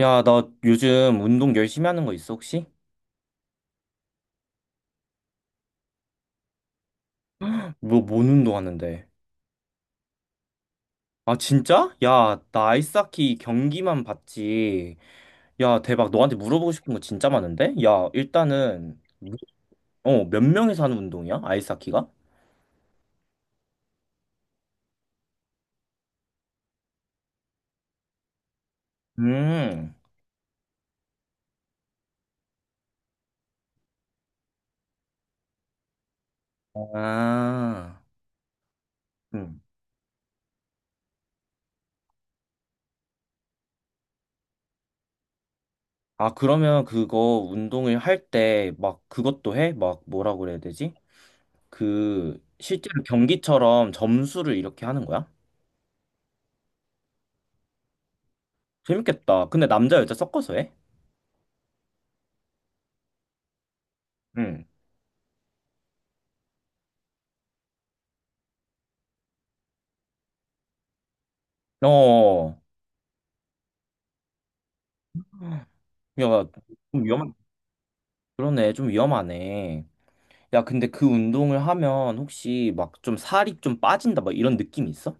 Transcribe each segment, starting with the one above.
야, 나 요즘 운동 열심히 하는 거 있어, 혹시? 뭔 운동 하는데? 아, 진짜? 야, 나 아이스하키 경기만 봤지. 야, 대박. 너한테 물어보고 싶은 거 진짜 많은데? 야, 일단은, 어, 몇 명이서 하는 운동이야? 아이스하키가? 음. 아. 음. 아, 그러면 그거 운동을 할 때 막 그것도 해? 막 뭐라 그래야 되지? 그, 실제로 경기처럼 점수를 이렇게 하는 거야? 재밌겠다. 근데 남자, 여자 섞어서 해? 응. 어, 야, 좀 위험, 그러네, 좀 위험하네. 야, 근데 그 운동을 하면 혹시 막 좀 살이 좀 빠진다, 막 이런 느낌 있어?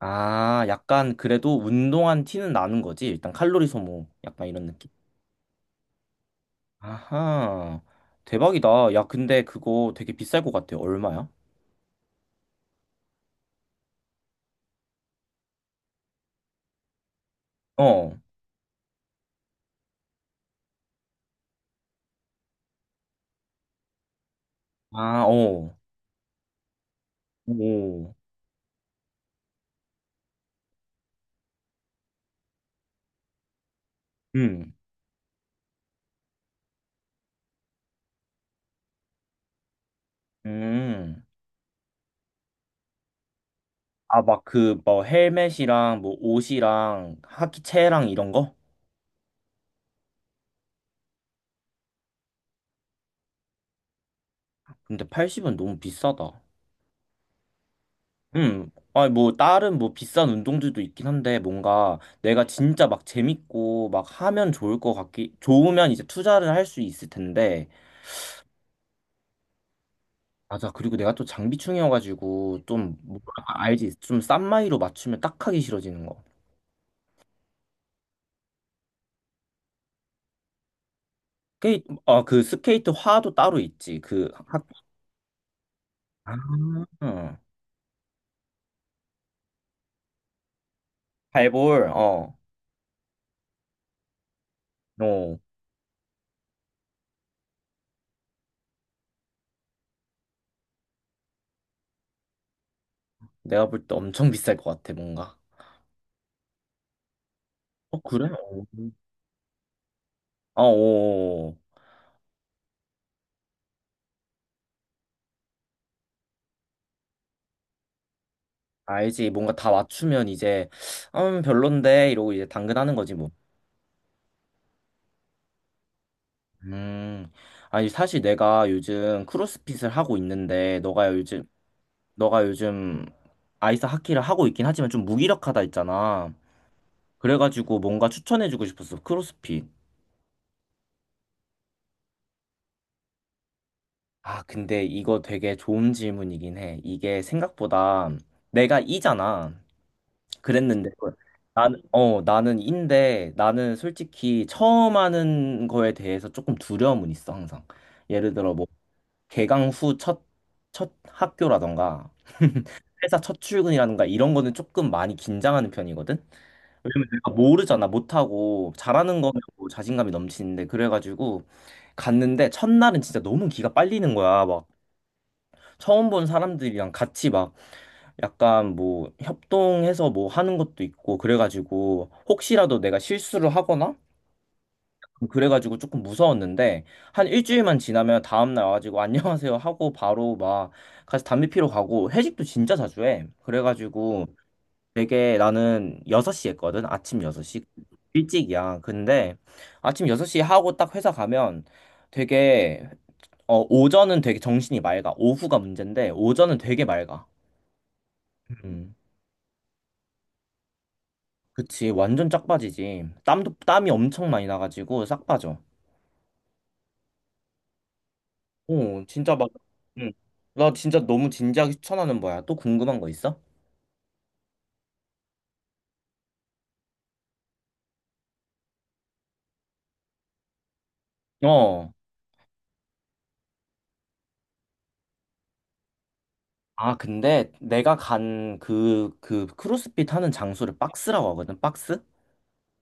아, 약간 그래도 운동한 티는 나는 거지. 일단 칼로리 소모, 약간 이런 느낌. 아하, 대박이다. 야, 근데 그거 되게 비쌀 것 같아. 얼마야? 어, 아, 어, 오, 음, 음. 아, 막 그 뭐 헬멧이랑 뭐 옷이랑 하키채랑 이런 거? 근데 80은 너무 비싸다. 아니 뭐 다른 뭐 비싼 운동들도 있긴 한데 뭔가 내가 진짜 막 재밌고 막 하면 좋을 것 같기 좋으면 이제 투자를 할 수 있을 텐데 맞아 그리고 내가 또 장비충이어가지고 좀 뭐랄까 알지 좀 싼 마이로 맞추면 딱 하기 싫어지는 거. 스케이트 아그 스케이트 화도 따로 있지 그 학, 아, 응. 발볼 어, 어 내가 볼 때 엄청 비쌀 것 같아 뭔가. 어 그래? 어, 어, 어. 알지. 뭔가 다 맞추면 이제, 별론데, 이러고 이제 당근하는 거지, 뭐. 음. 아니, 사실 내가 요즘 크로스핏을 하고 있는데, 너가 요즘 아이스 하키를 하고 있긴 하지만 좀 무기력하다 했잖아. 그래가지고 뭔가 추천해주고 싶었어, 크로스핏. 아, 근데 이거 되게 좋은 질문이긴 해. 이게 생각보다 내가 이잖아. 그랬는데 나는 인데 나는 솔직히 처음 하는 거에 대해서 조금 두려움은 있어 항상 예를 들어 뭐 개강 후 첫 학교라던가 회사 첫 출근이라든가 이런 거는 조금 많이 긴장하는 편이거든 왜냐면 내가 모르잖아 못하고 잘하는 거면 뭐 자신감이 넘치는데 그래가지고 갔는데 첫날은 진짜 너무 기가 빨리는 거야 막 처음 본 사람들이랑 같이 막 약간 뭐 협동해서 뭐 하는 것도 있고 그래가지고 혹시라도 내가 실수를 하거나 그래가지고 조금 무서웠는데 한 일주일만 지나면 다음날 와가지고 안녕하세요 하고 바로 막 같이 담배 피러 가고 회식도 진짜 자주 해. 그래가지고 되게 나는 6시 했거든. 아침 6시. 일찍이야. 근데 아침 6시 하고 딱 회사 가면 되게 오전은 되게 정신이 맑아. 오후가 문제인데 오전은 되게 맑아. 음. 그치, 완전 짝 빠지지. 땀도, 땀이 엄청 많이 나가지고 싹 빠져. 어 진짜 막, 응. 나 진짜 너무 진지하게 추천하는 거야. 또 궁금한 거 있어? 어. 아, 근데 내가 간 그 크로스핏 하는 장소를 박스라고 하거든, 박스?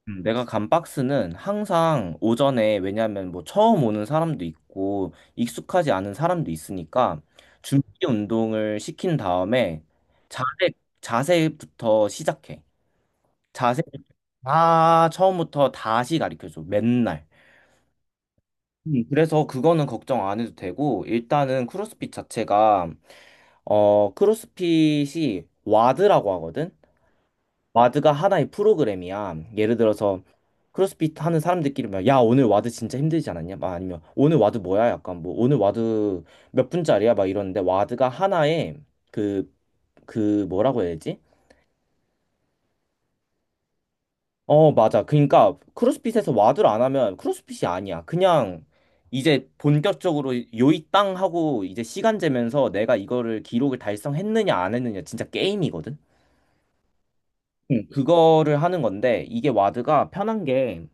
음. 내가 간 박스는 항상 오전에, 왜냐면 뭐 처음 오는 사람도 있고, 익숙하지 않은 사람도 있으니까, 준비 운동을 시킨 다음에, 자세, 자세부터 시작해. 자세 다 처음부터 다시 가르쳐줘. 맨날. 그래서 그거는 걱정 안 해도 되고, 일단은 크로스핏 자체가, 크로스핏이 와드라고 하거든? 와드가 하나의 프로그램이야. 예를 들어서, 크로스핏 하는 사람들끼리 막, 야, 오늘 와드 진짜 힘들지 않았냐? 막 아니면, 오늘 와드 뭐야? 약간 뭐, 오늘 와드 몇 분짜리야? 막 이러는데, 와드가 하나의 그, 그 뭐라고 해야 되지? 어, 맞아. 그러니까 크로스핏에서 와드를 안 하면 크로스핏이 아니야. 그냥 이제 본격적으로 요이 땅 하고 이제 시간 재면서 내가 이거를 기록을 달성했느냐 안 했느냐 진짜 게임이거든. 응. 그거를 하는 건데 이게 와드가 편한 게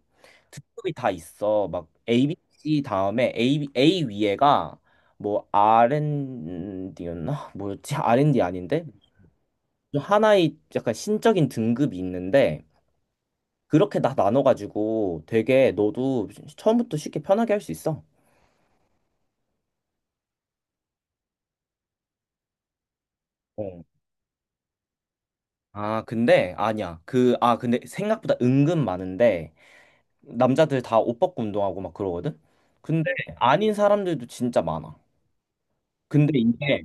등급이 다 있어. 막 A, B, C 다음에 A 위에가 뭐 R&D였나? 뭐였지? R&D 아닌데? 하나의 약간 신적인 등급이 있는데 그렇게 다 나눠가지고 되게 너도 처음부터 쉽게 편하게 할 수 있어. 어. 아, 근데 아니야. 근데 생각보다 은근 많은데 남자들 다 옷 벗고 운동하고 막 그러거든? 근데 아닌 사람들도 진짜 많아. 근데 이게,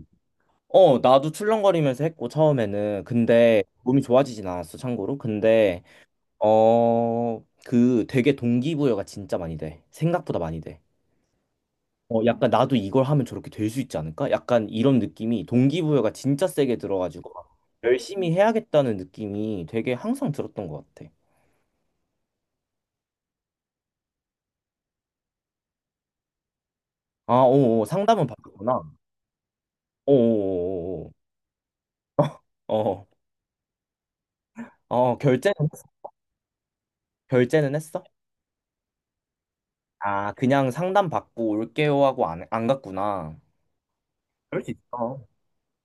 나도 출렁거리면서 했고, 처음에는. 근데 몸이 좋아지진 않았어, 참고로. 근데, 되게 동기부여가 진짜 많이 돼. 생각보다 많이 돼. 어, 약간 나도 이걸 하면 저렇게 될 수 있지 않을까? 약간 이런 느낌이 동기부여가 진짜 세게 들어가지고 막 열심히 해야겠다는 느낌이 되게 항상 들었던 것 같아. 아, 오, 오, 상담은 받았구나. 오, 오, 오, 오. 어, 어, 어, 결제는 했- 결제는 했어? 아, 그냥 상담 받고 올게요 하고 안 갔구나. 그럴 수 있어.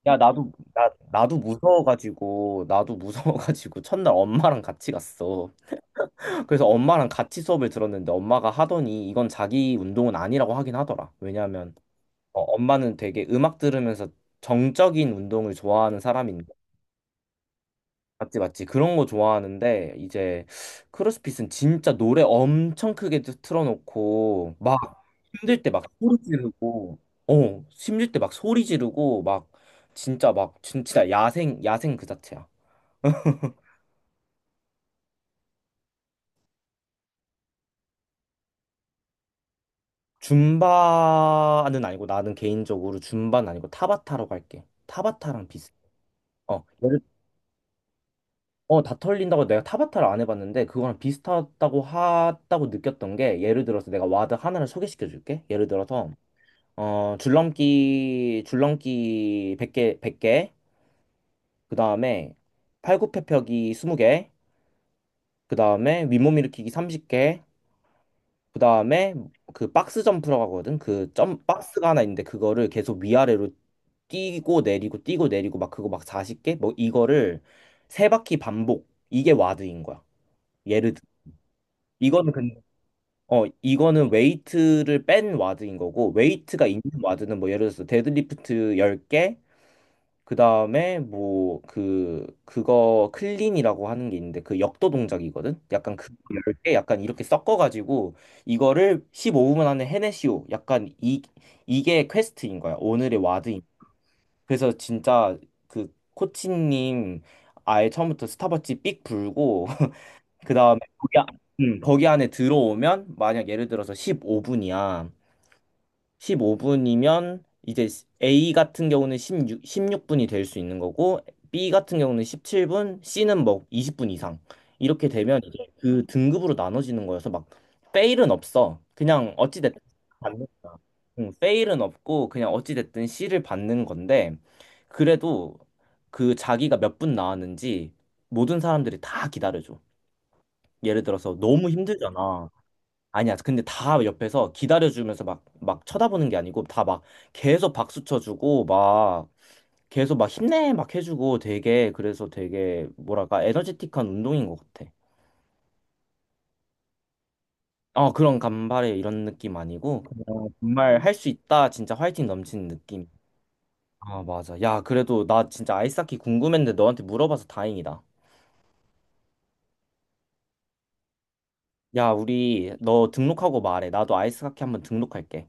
야, 나도 무서워가지고 첫날 엄마랑 같이 갔어. 그래서 엄마랑 같이 수업을 들었는데 엄마가 하더니 이건 자기 운동은 아니라고 하긴 하더라. 왜냐하면 엄마는 되게 음악 들으면서 정적인 운동을 좋아하는 사람인데 맞지, 맞지, 그런 거 좋아하는데 이제 크로스핏은 진짜 노래 엄청 크게 틀어놓고 막 힘들 때 막 소리 지르고 어 힘들 때 막 소리 지르고 막 진짜 막 진짜 야생 야생 그 자체야. 줌바는 아니고 나는 개인적으로 줌바는 아니고 타바타라고 할게. 타바타랑 비슷. 어, 예를- 어, 다 털린다고 내가 타바타를 안 해봤는데 그거랑 비슷하다고 하다고 느꼈던 게 예를 들어서 내가 와드 하나를 소개시켜 줄게. 예를 들어서 줄넘기 백개 100개 그다음에 팔굽혀펴기 20개 그다음에 윗몸 일으키기 30개 그다음에 그 박스 점프라고 하거든. 그 점 박스가 하나 있는데 그거를 계속 위아래로 뛰고 내리고 뛰고 내리고 막 그거 막 40개 뭐 이거를 세 바퀴 반복. 이게 와드인 거야. 예를 들 이거는 근 어 이거는 웨이트를 뺀 와드인 거고 웨이트가 있는 와드는 뭐 예를 들어서 데드리프트 10개 그다음에 뭐 그거 클린이라고 하는 게 있는데 그 역도 동작이거든. 약간 그 10개 약간 이렇게 섞어 가지고 이거를 15분 안에 해내시오. 약간 이 이게 퀘스트인 거야. 오늘의 와드인. 그래서 진짜 그 코치님 아예 처음부터 스타벅지 삑 불고 그다음에 거기, 안- 거기 안에 들어오면 만약 예를 들어서 15분이야. 15분이면 이제 A 같은 경우는 16, 십육 분이 될 수 있는 거고 B 같은 경우는 17분, C는 뭐 20분 이상 이렇게 되면 이제 그 등급으로 나눠지는 거여서 막 페일은 없어. 그냥 어찌 됐든 받는 거야. 응, 페일은 없고 그냥 어찌 됐든 C를 받는 건데 그래도 그 자기가 몇 분 나왔는지 모든 사람들이 다 기다려줘. 예를 들어서 너무 힘들잖아. 아니야. 근데 다 옆에서 기다려주면서 막, 막 쳐다보는 게 아니고 다 막 계속 박수 쳐주고 막 계속 막 힘내 막 해주고 되게 그래서 되게 뭐랄까 에너제틱한 운동인 것 같아. 어, 그런 간발의 이런 느낌 아니고 그냥 정말 할 수 있다. 진짜 화이팅 넘치는 느낌. 아, 맞아. 야, 그래도 나 진짜 아이스하키 궁금했는데 너한테 물어봐서 다행이다. 야, 우리 너 등록하고 말해. 나도 아이스하키 한번 등록할게.